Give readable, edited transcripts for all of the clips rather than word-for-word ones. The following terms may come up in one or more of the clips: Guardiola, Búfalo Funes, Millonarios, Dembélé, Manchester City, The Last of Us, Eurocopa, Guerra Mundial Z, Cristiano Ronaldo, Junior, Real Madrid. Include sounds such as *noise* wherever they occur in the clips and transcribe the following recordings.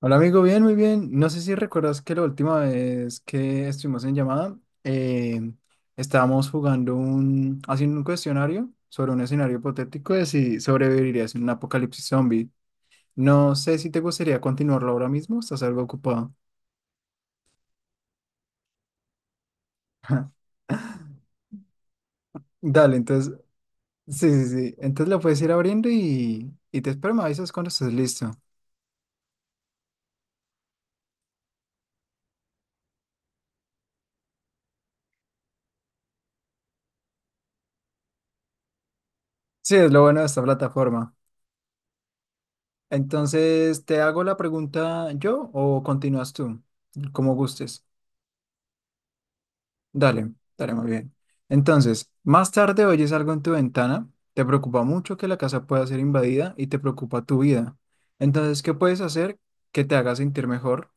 Hola amigo, bien, muy bien. No sé si recuerdas que la última vez que estuvimos en llamada, eh, estábamos haciendo un cuestionario sobre un escenario hipotético de si sobrevivirías en un apocalipsis zombie. No sé si te gustaría continuarlo ahora mismo, estás algo ocupado. Dale, entonces, sí, sí, sí. Entonces lo puedes ir abriendo y te espero, me avisas cuando estés listo. Sí, es lo bueno de esta plataforma. Entonces, ¿te hago la pregunta yo o continúas tú? Como gustes. Dale, dale, muy bien. Entonces, más tarde oyes algo en tu ventana, te preocupa mucho que la casa pueda ser invadida y te preocupa tu vida. Entonces, ¿qué puedes hacer que te haga sentir mejor?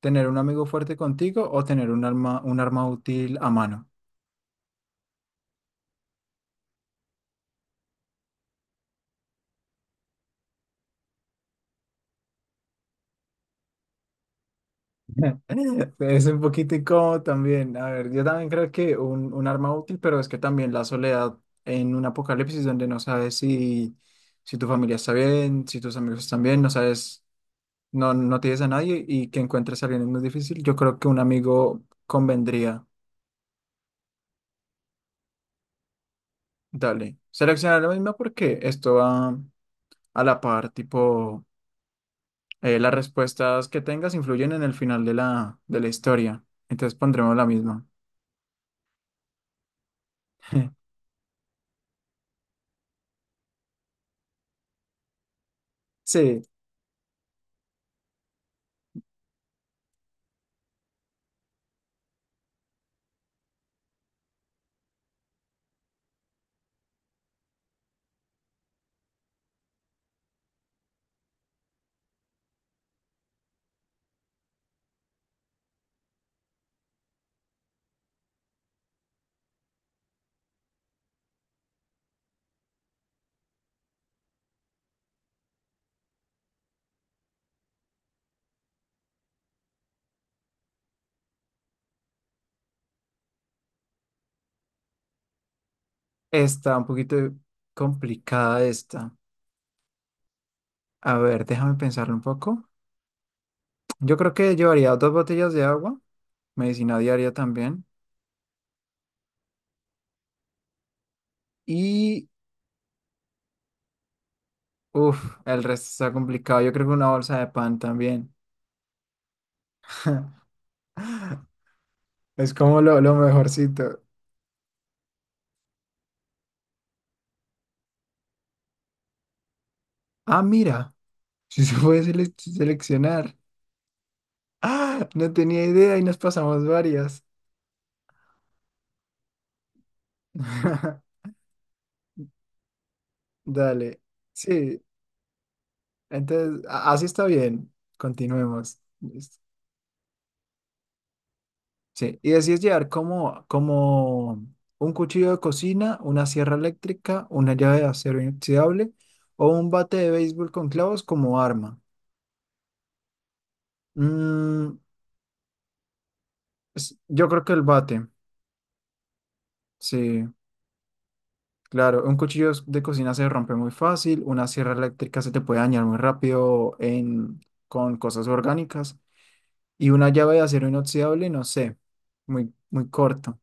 ¿Tener un amigo fuerte contigo o tener un arma útil a mano? *laughs* Es un poquito incómodo también. A ver, yo también creo que un arma útil, pero es que también la soledad en un apocalipsis donde no sabes si tu familia está bien, si tus amigos están bien, no sabes. No tienes a nadie y que encuentres a alguien es muy difícil, yo creo que un amigo convendría. Dale. Seleccionar lo mismo porque esto va a la par, tipo, las respuestas que tengas influyen en el final de de la historia. Entonces pondremos la misma. *laughs* Sí, está un poquito complicada esta. A ver, déjame pensarlo un poco. Yo creo que llevaría dos botellas de agua, medicina diaria también. Y, uff, el resto está complicado. Yo creo que una bolsa de pan también. *laughs* Es como lo mejorcito. Ah, mira, si se puede seleccionar. Ah, no tenía idea y nos pasamos varias. *laughs* Dale. Sí, entonces, así está bien. Continuemos. Listo. Sí, y así es llevar como, como un cuchillo de cocina, una sierra eléctrica, una llave de acero inoxidable o un bate de béisbol con clavos como arma. Mm, yo creo que el bate, sí. Claro, un cuchillo de cocina se rompe muy fácil, una sierra eléctrica se te puede dañar muy rápido en, con cosas orgánicas y una llave de acero inoxidable, no sé, muy, muy corto,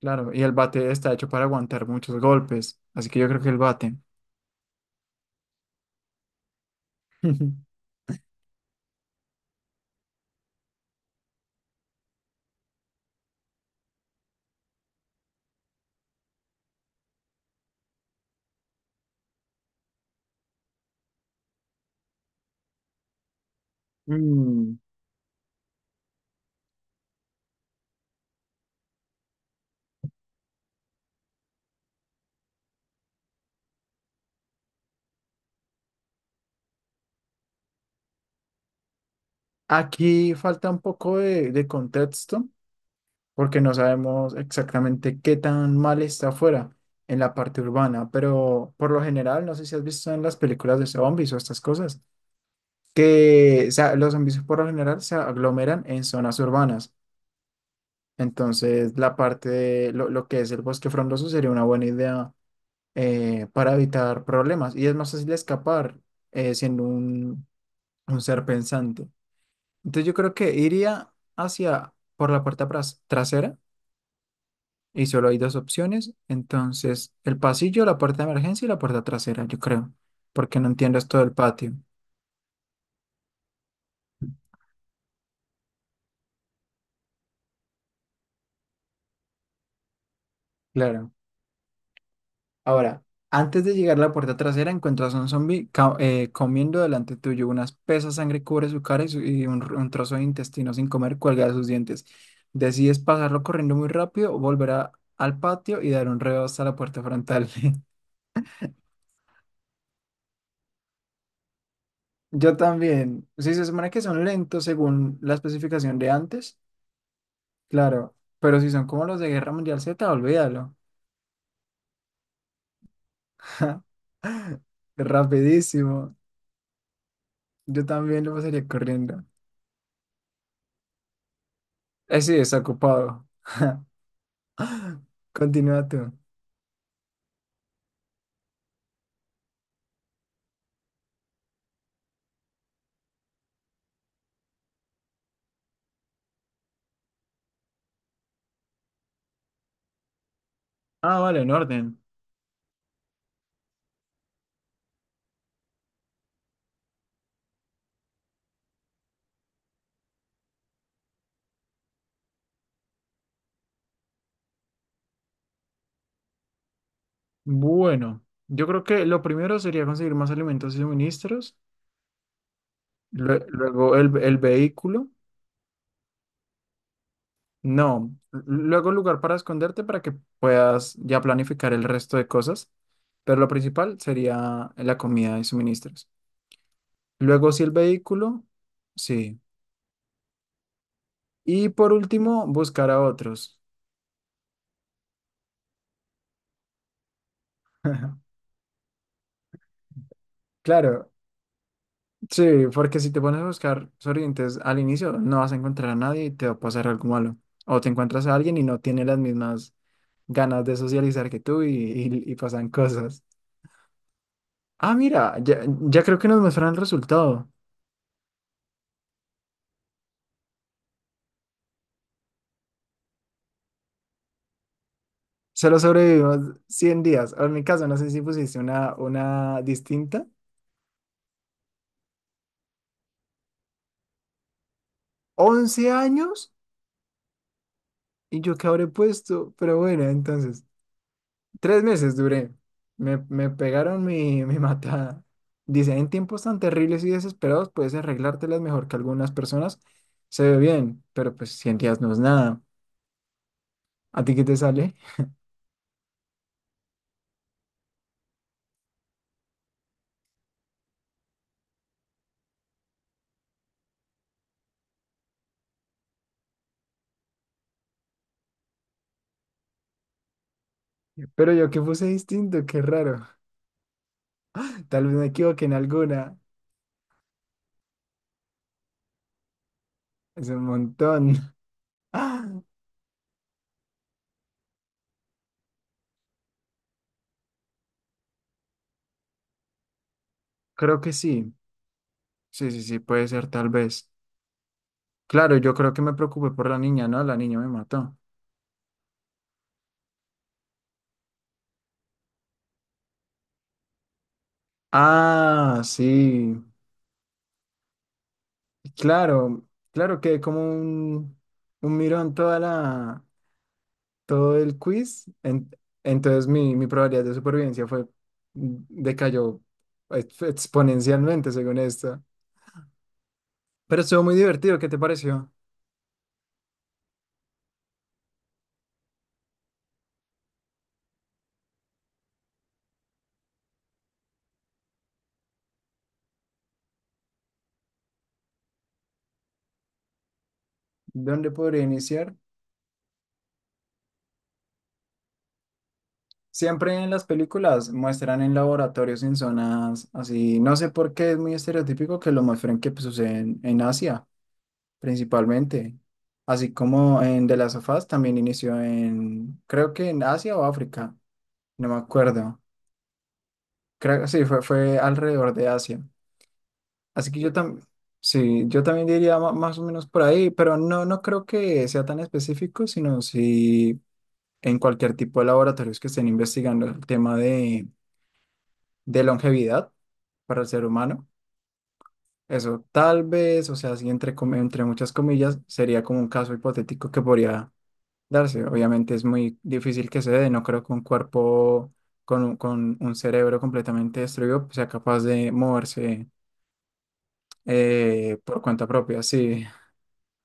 claro, y el bate está hecho para aguantar muchos golpes, así que yo creo que el bate. *laughs* Mm, Aquí falta un poco de contexto porque no sabemos exactamente qué tan mal está afuera en la parte urbana, pero por lo general, no sé si has visto en las películas de zombies o estas cosas. Que o sea, los servicios por lo general se aglomeran en zonas urbanas. Entonces, la parte de lo que es el bosque frondoso sería una buena idea para evitar problemas y es más fácil escapar, siendo un ser pensante. Entonces, yo creo que iría hacia por la puerta trasera y solo hay dos opciones. Entonces, el pasillo, la puerta de emergencia y la puerta trasera, yo creo, porque no entiendo esto del patio. Claro. Ahora, antes de llegar a la puerta trasera, encuentras a un zombie comiendo delante tuyo. Una espesa sangre cubre su cara y un trozo de intestino sin comer cuelga de sus dientes. Decides pasarlo corriendo muy rápido, volver al patio y dar un reo hasta la puerta frontal. *laughs* Yo también. Si se supone que son lentos según la especificación de antes, claro. Pero si son como los de Guerra Mundial Z, olvídalo. *laughs* Rapidísimo. Yo también lo pasaría corriendo. Sí, desocupado. *laughs* Continúa tú. Ah, vale, en orden. Bueno, yo creo que lo primero sería conseguir más alimentos y suministros. Luego el vehículo. No. Luego lugar para esconderte para que puedas ya planificar el resto de cosas. Pero lo principal sería la comida y suministros. Luego sí el vehículo. Sí. Y por último, buscar a otros. *laughs* Claro, sí, porque si te pones a buscar sobrevivientes al inicio, no vas a encontrar a nadie y te va a pasar algo malo. O te encuentras a alguien y no tiene las mismas ganas de socializar que tú y y pasan cosas. Ah, mira, ya, ya creo que nos muestran el resultado. Solo sobrevivimos 100 días. O en mi caso, no sé si pusiste una distinta. 11 años y yo que habré puesto, pero bueno, entonces. 3 meses duré. Me pegaron mi, *laughs* mi matada. Dice, en tiempos tan terribles y desesperados puedes arreglártelas mejor que algunas personas. Se ve bien, pero pues 100 días no es nada. ¿A ti qué te sale? Pero yo que puse distinto, qué raro. Tal vez me equivoqué en alguna. Es un montón. *gasps* *laughs* Ah, creo que sí. Sí, sí, sí, puede ser tal vez. Claro, yo creo que me preocupé por la niña, ¿no? La niña me mató. Ah, sí. Claro, claro que como un mirón toda todo el quiz. Entonces mi probabilidad de supervivencia fue, decayó exponencialmente según esto. Pero estuvo muy divertido, ¿qué te pareció? ¿Dónde podría iniciar? Siempre en las películas muestran en laboratorios, en zonas así. No sé por qué es muy estereotípico que lo muestren que pues, sucede en Asia. Principalmente. Así como en The Last of Us también inició en, creo que en Asia o África, no me acuerdo. Creo, sí, fue alrededor de Asia. Así que yo también, sí, yo también diría más o menos por ahí, pero no, no creo que sea tan específico, sino si en cualquier tipo de laboratorios que estén investigando el tema de longevidad para el ser humano. Eso tal vez, o sea, así entre, entre muchas comillas, sería como un caso hipotético que podría darse. Obviamente es muy difícil que se dé, no creo que un cuerpo con un cerebro completamente destruido sea capaz de moverse, por cuenta propia. Sí,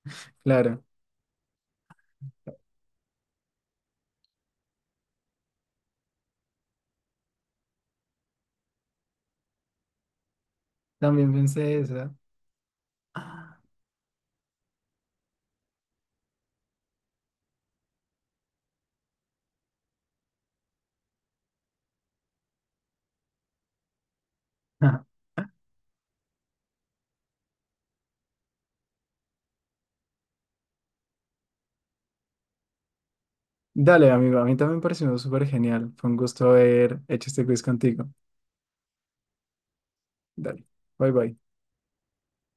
*laughs* claro. También pensé eso. *laughs* Dale, amigo, a mí también me pareció súper genial. Fue un gusto haber hecho este quiz contigo. Dale, bye bye.